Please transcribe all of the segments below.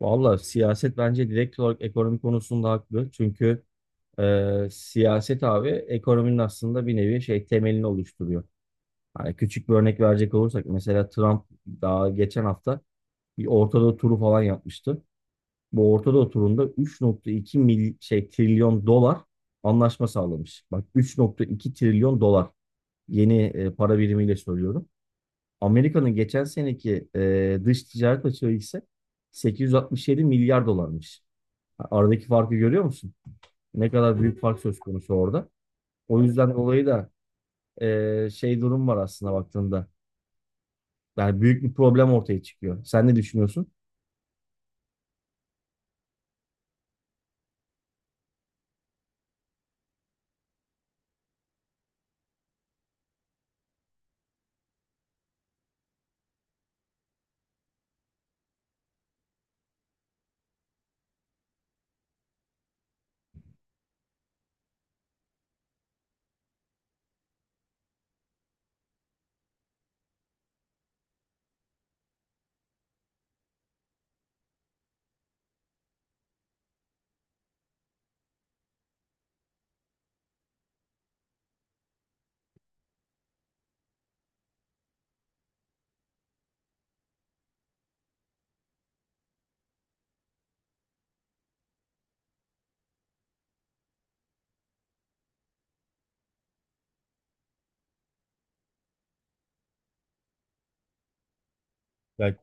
Valla siyaset bence direkt olarak ekonomi konusunda haklı. Çünkü siyaset abi ekonominin aslında bir nevi temelini oluşturuyor. Hani küçük bir örnek verecek olursak mesela Trump daha geçen hafta bir Orta Doğu turu falan yapmıştı. Bu Orta Doğu turunda 3.2 mil, şey trilyon dolar anlaşma sağlamış. Bak 3,2 trilyon dolar yeni para birimiyle söylüyorum. Amerika'nın geçen seneki dış ticaret açığı ise 867 milyar dolarmış. Aradaki farkı görüyor musun? Ne kadar büyük fark söz konusu orada. O yüzden dolayı da durum var aslında baktığında. Yani büyük bir problem ortaya çıkıyor. Sen ne düşünüyorsun? Ya,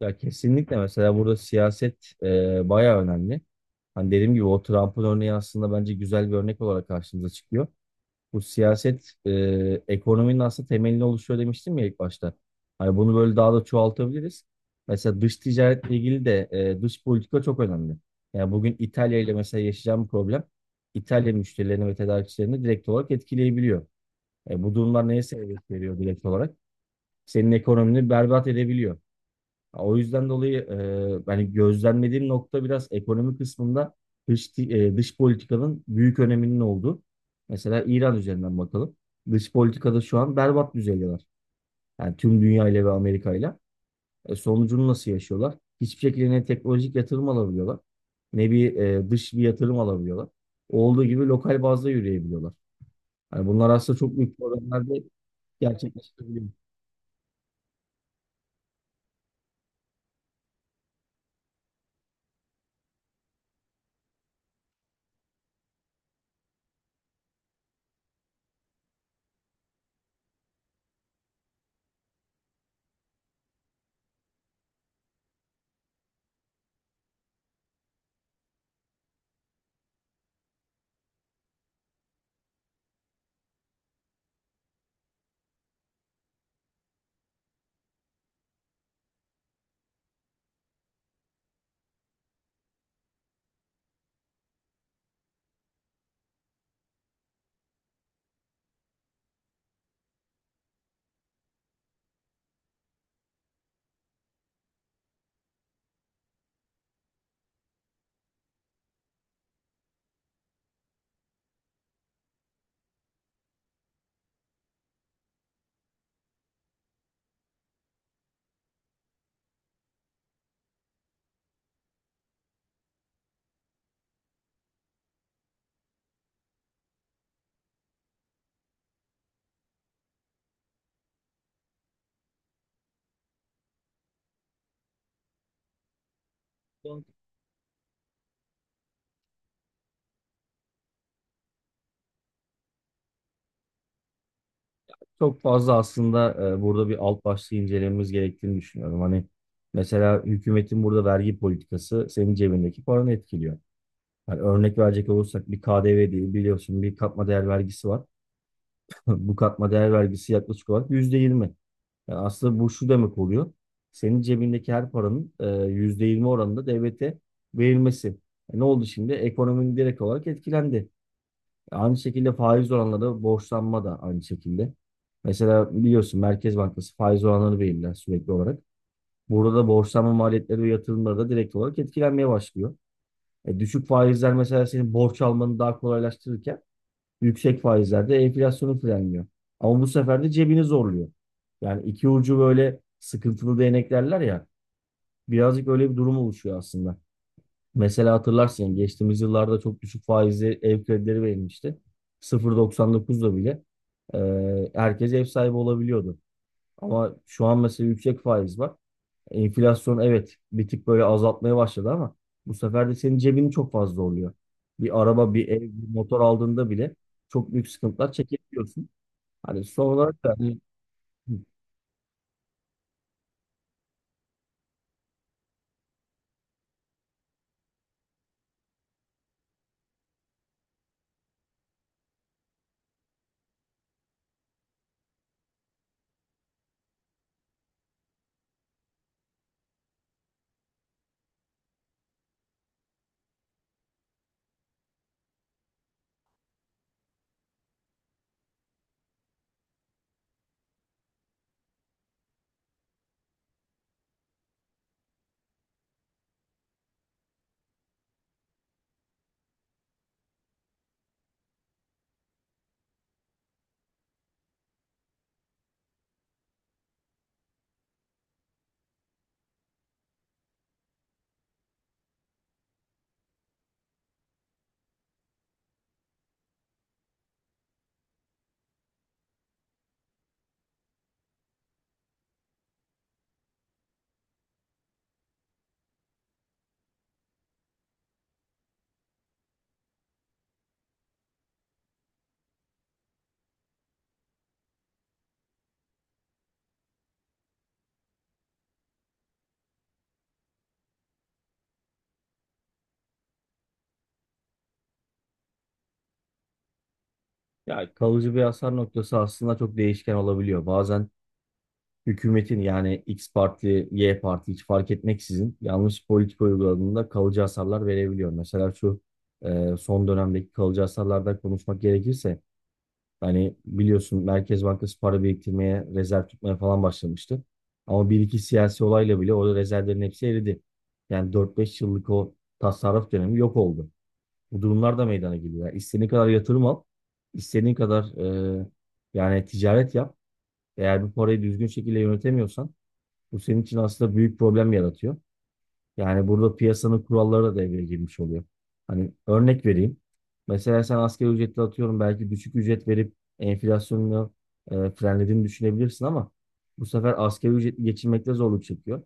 ya kesinlikle mesela burada siyaset bayağı önemli. Hani dediğim gibi o Trump'ın örneği aslında bence güzel bir örnek olarak karşımıza çıkıyor. Bu siyaset ekonominin aslında temelini oluşuyor demiştim ya ilk başta. Hani bunu böyle daha da çoğaltabiliriz. Mesela dış ticaretle ilgili de dış politika çok önemli. Yani bugün İtalya ile mesela yaşayacağım problem İtalya müşterilerini ve tedarikçilerini direkt olarak etkileyebiliyor. Bu durumlar neye sebebiyet veriyor direkt olarak? Senin ekonomini berbat edebiliyor. O yüzden dolayı yani gözlemlediğim nokta biraz ekonomi kısmında dış politikanın büyük öneminin olduğu. Mesela İran üzerinden bakalım. Dış politikada şu an berbat düzeydeler. Yani tüm dünya ile ve Amerika ile. Sonucunu nasıl yaşıyorlar? Hiçbir şekilde ne teknolojik yatırım alabiliyorlar, ne bir dış bir yatırım alabiliyorlar. Olduğu gibi lokal bazda yürüyebiliyorlar. Yani bunlar aslında çok büyük problemlerde gerçekleşebiliyor. Çok fazla aslında burada bir alt başlığı incelememiz gerektiğini düşünüyorum. Hani mesela hükümetin burada vergi politikası senin cebindeki paranı etkiliyor. Hani örnek verecek olursak bir KDV değil biliyorsun bir katma değer vergisi var. Bu katma değer vergisi yaklaşık olarak %20. Yani aslında bu şu demek oluyor. Senin cebindeki her paranın %20 oranında devlete verilmesi. Ne oldu şimdi? Ekonominin direkt olarak etkilendi. Aynı şekilde faiz oranları, borçlanma da aynı şekilde. Mesela biliyorsun Merkez Bankası faiz oranları belirler sürekli olarak. Burada da borçlanma maliyetleri ve yatırımları da direkt olarak etkilenmeye başlıyor. Düşük faizler mesela senin borç almanı daha kolaylaştırırken yüksek faizler de enflasyonu frenliyor. Ama bu sefer de cebini zorluyor. Yani iki ucu böyle sıkıntılı değnek derler ya. Birazcık öyle bir durum oluşuyor aslında. Mesela hatırlarsın geçtiğimiz yıllarda çok düşük faizli ev kredileri verilmişti. 0,99'da bile herkes ev sahibi olabiliyordu. Ama şu an mesela yüksek faiz var. Enflasyon evet bir tık böyle azaltmaya başladı ama bu sefer de senin cebini çok fazla oluyor. Bir araba, bir ev, bir motor aldığında bile çok büyük sıkıntılar çekebiliyorsun. Hani son olarak da hani, ya kalıcı bir hasar noktası aslında çok değişken olabiliyor. Bazen hükümetin yani X parti, Y parti hiç fark etmeksizin yanlış politika uyguladığında kalıcı hasarlar verebiliyor. Mesela şu son dönemdeki kalıcı hasarlardan konuşmak gerekirse hani biliyorsun Merkez Bankası para biriktirmeye, rezerv tutmaya falan başlamıştı. Ama bir iki siyasi olayla bile o rezervlerin hepsi eridi. Yani 4-5 yıllık o tasarruf dönemi yok oldu. Bu durumlar da meydana geliyor. Yani istediğin kadar yatırım al, istediğin kadar e, yani ticaret yap. Eğer bu parayı düzgün şekilde yönetemiyorsan bu senin için aslında büyük problem yaratıyor. Yani burada piyasanın kuralları da devreye girmiş oluyor. Hani örnek vereyim. Mesela sen asgari ücretle atıyorum belki düşük ücret verip enflasyonunu frenlediğini düşünebilirsin ama bu sefer asgari ücretli geçinmekte zorluk çekiyor.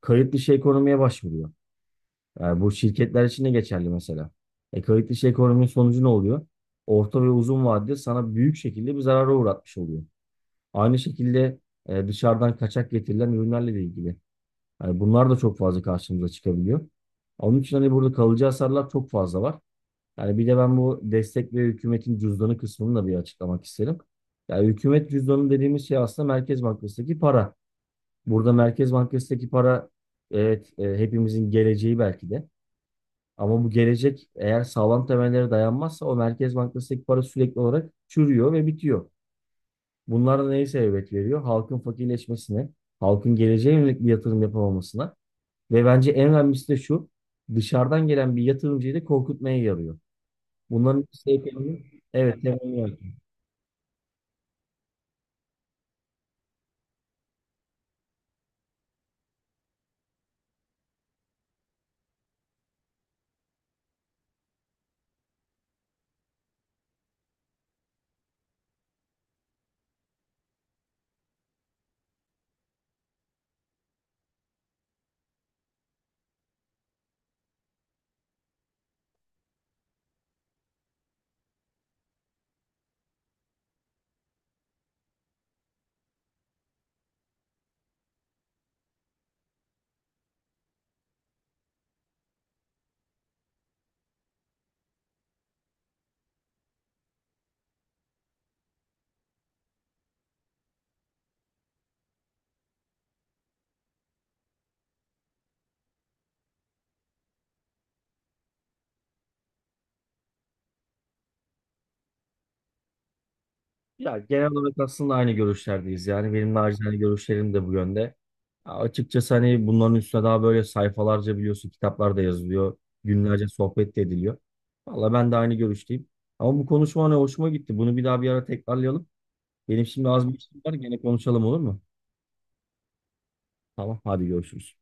Kayıt dışı ekonomiye başvuruyor. Yani bu şirketler için de geçerli mesela. Kayıt dışı ekonominin sonucu ne oluyor? Orta ve uzun vadede sana büyük şekilde bir zarara uğratmış oluyor. Aynı şekilde dışarıdan kaçak getirilen ürünlerle de ilgili. Yani bunlar da çok fazla karşımıza çıkabiliyor. Onun için hani burada kalıcı hasarlar çok fazla var. Yani bir de ben bu destek ve hükümetin cüzdanı kısmını da bir açıklamak isterim. Yani hükümet cüzdanı dediğimiz şey aslında Merkez Bankası'ndaki para. Burada Merkez Bankası'ndaki para evet hepimizin geleceği belki de. Ama bu gelecek eğer sağlam temellere dayanmazsa o Merkez Bankası'ndaki para sürekli olarak çürüyor ve bitiyor. Bunlar da neye sebebiyet veriyor? Halkın fakirleşmesine, halkın geleceğe yönelik bir yatırım yapamamasına ve bence en önemlisi de şu. Dışarıdan gelen bir yatırımcıyı da korkutmaya yarıyor. Bunların ikisi ekonominin evet temelini yaratıyor. Ya genel olarak aslında aynı görüşlerdeyiz. Yani benim nacizane görüşlerim de bu yönde. Ya, açıkçası hani bunların üstüne daha böyle sayfalarca biliyorsun kitaplar da yazılıyor. Günlerce sohbet de ediliyor. Valla ben de aynı görüşteyim. Ama bu konuşma hani hoşuma gitti. Bunu bir daha bir ara tekrarlayalım. Benim şimdi az bir işim var. Gene konuşalım olur mu? Tamam hadi görüşürüz.